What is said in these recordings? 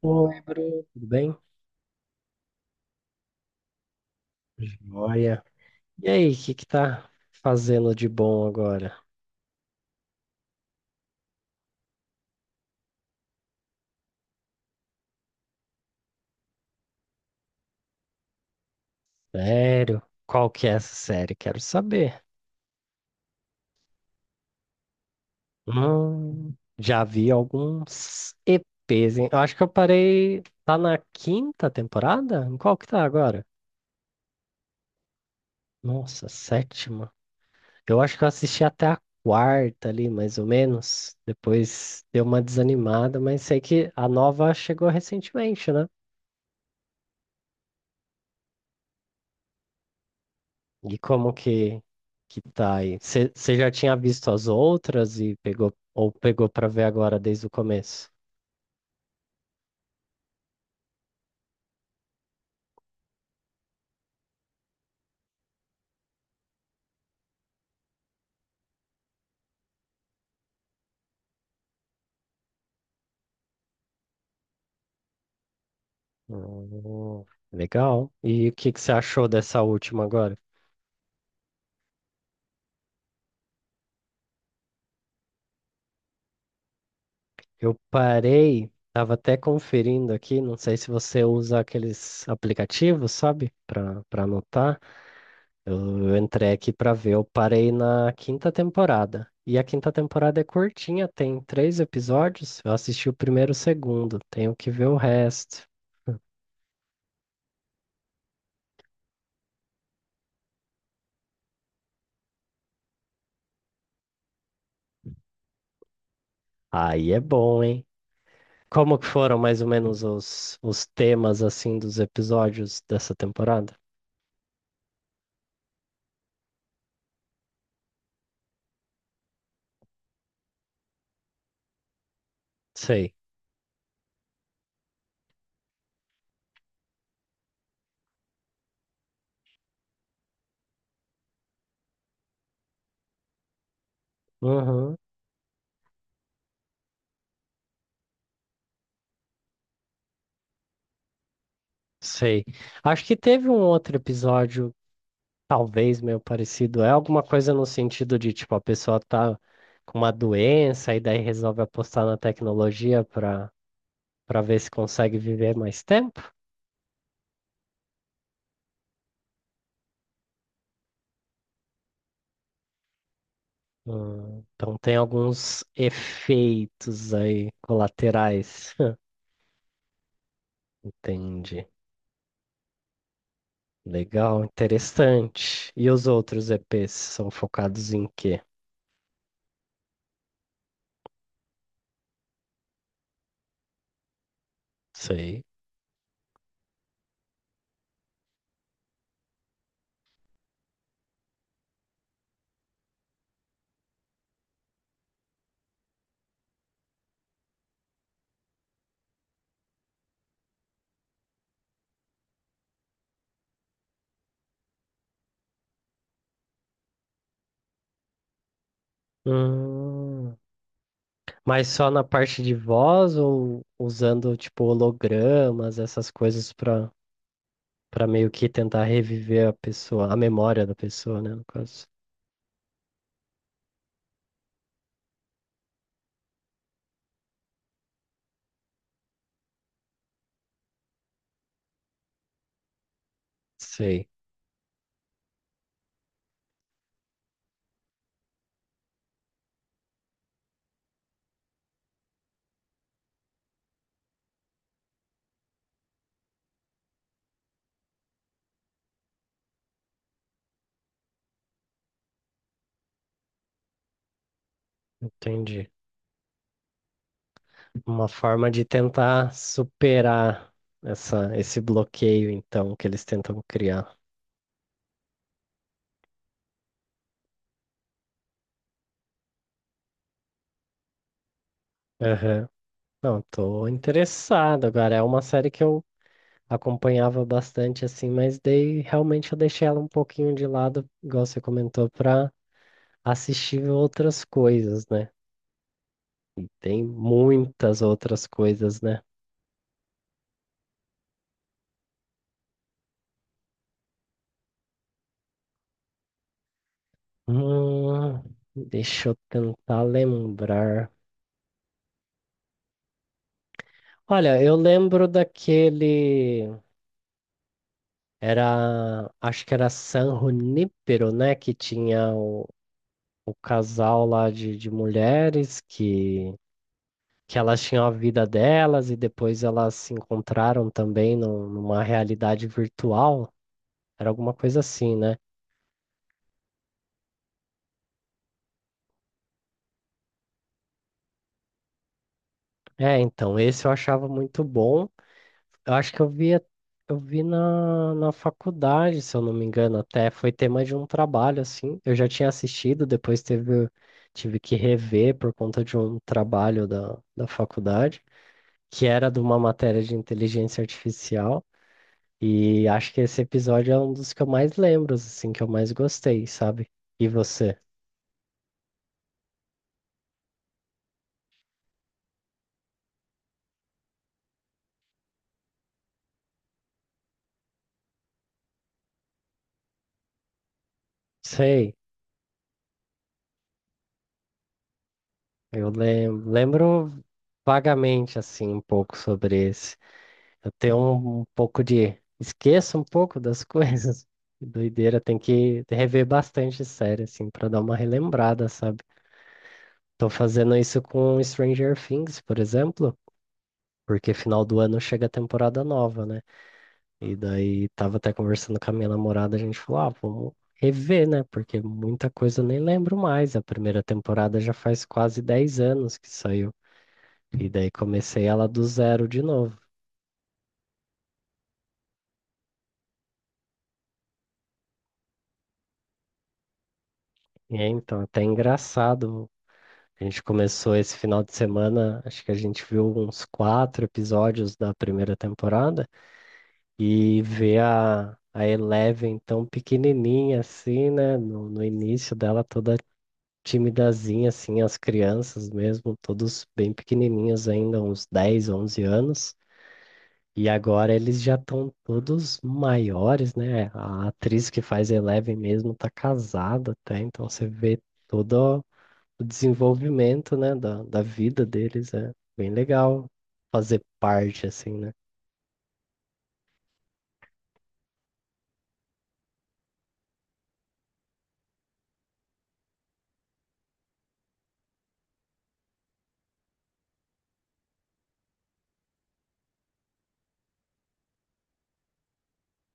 Oi, Bruno, tudo bem? Joia. E aí, o que que tá fazendo de bom agora? Sério? Qual que é essa série? Quero saber. Hum, já vi alguns EPs, hein? Eu acho que eu parei. Tá na quinta temporada? Em qual que tá agora? Nossa, sétima. Eu acho que eu assisti até a quarta ali, mais ou menos. Depois deu uma desanimada, mas sei que a nova chegou recentemente, né? E como que tá aí? Você já tinha visto as outras e pegou ou pegou para ver agora desde o começo? Hum, legal. E o que que você achou dessa última agora? Eu parei, tava até conferindo aqui, não sei se você usa aqueles aplicativos, sabe? Para anotar. Eu entrei aqui para ver, eu parei na quinta temporada. E a quinta temporada é curtinha, tem três episódios. Eu assisti o primeiro e o segundo, tenho que ver o resto. Aí é bom, hein? Como que foram mais ou menos os temas assim dos episódios dessa temporada? Sei. Uhum, sei. Acho que teve um outro episódio, talvez meio parecido. É alguma coisa no sentido de, tipo, a pessoa tá com uma doença e daí resolve apostar na tecnologia para ver se consegue viver mais tempo? Então tem alguns efeitos aí colaterais. Entendi. Legal, interessante. E os outros EPs são focados em quê? Sei. Hum, mas só na parte de voz ou usando tipo hologramas, essas coisas para meio que tentar reviver a pessoa, a memória da pessoa, né, no caso. Sei, entendi. Uma forma de tentar superar essa esse bloqueio então que eles tentam criar. Aham. Não, tô interessado agora. É uma série que eu acompanhava bastante assim, mas daí realmente eu deixei ela um pouquinho de lado, igual você comentou, para assistir outras coisas, né? E tem muitas outras coisas, né? Hum, deixa eu tentar lembrar. Olha, eu lembro daquele. Era. Acho que era San Junípero, né? Que tinha o casal lá de mulheres que elas tinham a vida delas e depois elas se encontraram também numa realidade virtual. Era alguma coisa assim, né? É, então, esse eu achava muito bom. Eu acho que eu via, eu vi na faculdade, se eu não me engano, até foi tema de um trabalho, assim. Eu já tinha assistido, depois tive que rever por conta de um trabalho da faculdade, que era de uma matéria de inteligência artificial. E acho que esse episódio é um dos que eu mais lembro, assim, que eu mais gostei, sabe? E você? Sei, eu lembro vagamente, assim, um pouco sobre esse. Eu tenho um pouco de. Esqueço um pouco das coisas. Doideira, tem que rever bastante série, assim, pra dar uma relembrada, sabe? Tô fazendo isso com Stranger Things, por exemplo, porque final do ano chega a temporada nova, né? E daí tava até conversando com a minha namorada, a gente falou, ah, vamos rever, né? Porque muita coisa eu nem lembro mais. A primeira temporada já faz quase 10 anos que saiu. E daí comecei ela do zero de novo. E é, então, até engraçado. A gente começou esse final de semana, acho que a gente viu uns quatro episódios da primeira temporada e ver a Eleven tão pequenininha assim, né? No início dela toda timidazinha, assim, as crianças mesmo, todos bem pequenininhos ainda, uns 10 ou 11 anos. E agora eles já estão todos maiores, né? A atriz que faz Eleven mesmo tá casada até, então você vê todo o desenvolvimento, né, da vida deles. É bem legal fazer parte, assim, né?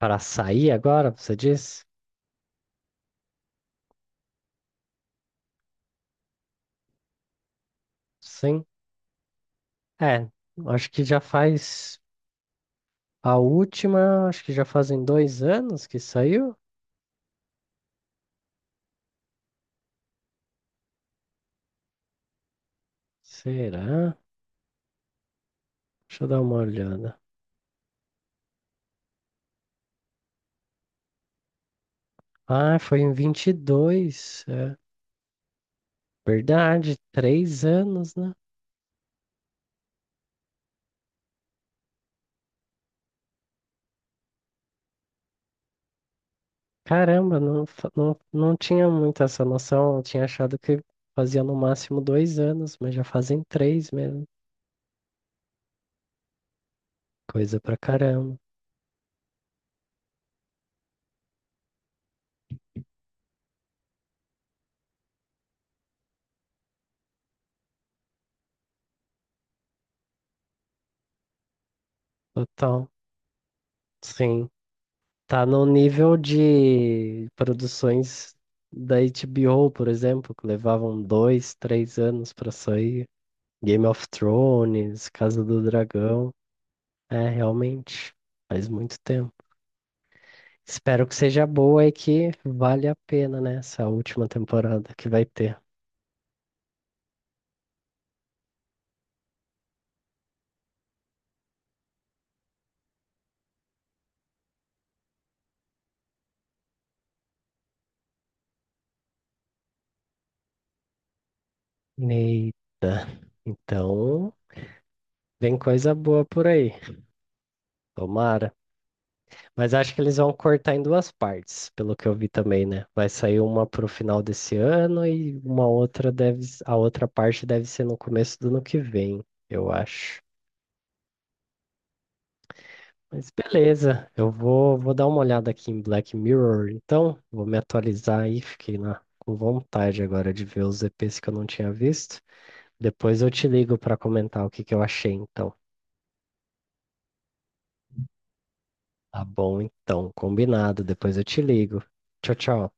Para sair agora, você diz? Sim. É, acho que já faz a última, acho que já fazem 2 anos que saiu. Será? Deixa eu dar uma olhada. Ah, foi em 22, é verdade, 3 anos, né? Caramba, não tinha muito essa noção. Eu tinha achado que fazia no máximo 2 anos, mas já fazem três mesmo. Coisa pra caramba. Total. Sim. Tá no nível de produções da HBO, por exemplo, que levavam 2, 3 anos pra sair. Game of Thrones, Casa do Dragão. É, realmente, faz muito tempo. Espero que seja boa e que vale a pena, né? Essa última temporada que vai ter. Eita. Então, vem coisa boa por aí. Tomara. Mas acho que eles vão cortar em duas partes, pelo que eu vi também, né? Vai sair uma pro final desse ano e uma outra deve, a outra parte deve ser no começo do ano que vem, eu acho. Mas beleza, eu vou dar uma olhada aqui em Black Mirror, então vou me atualizar aí, fiquei na, com vontade agora de ver os EPs que eu não tinha visto. Depois eu te ligo para comentar o que que eu achei, então. Tá bom, então, combinado, depois eu te ligo. Tchau, tchau.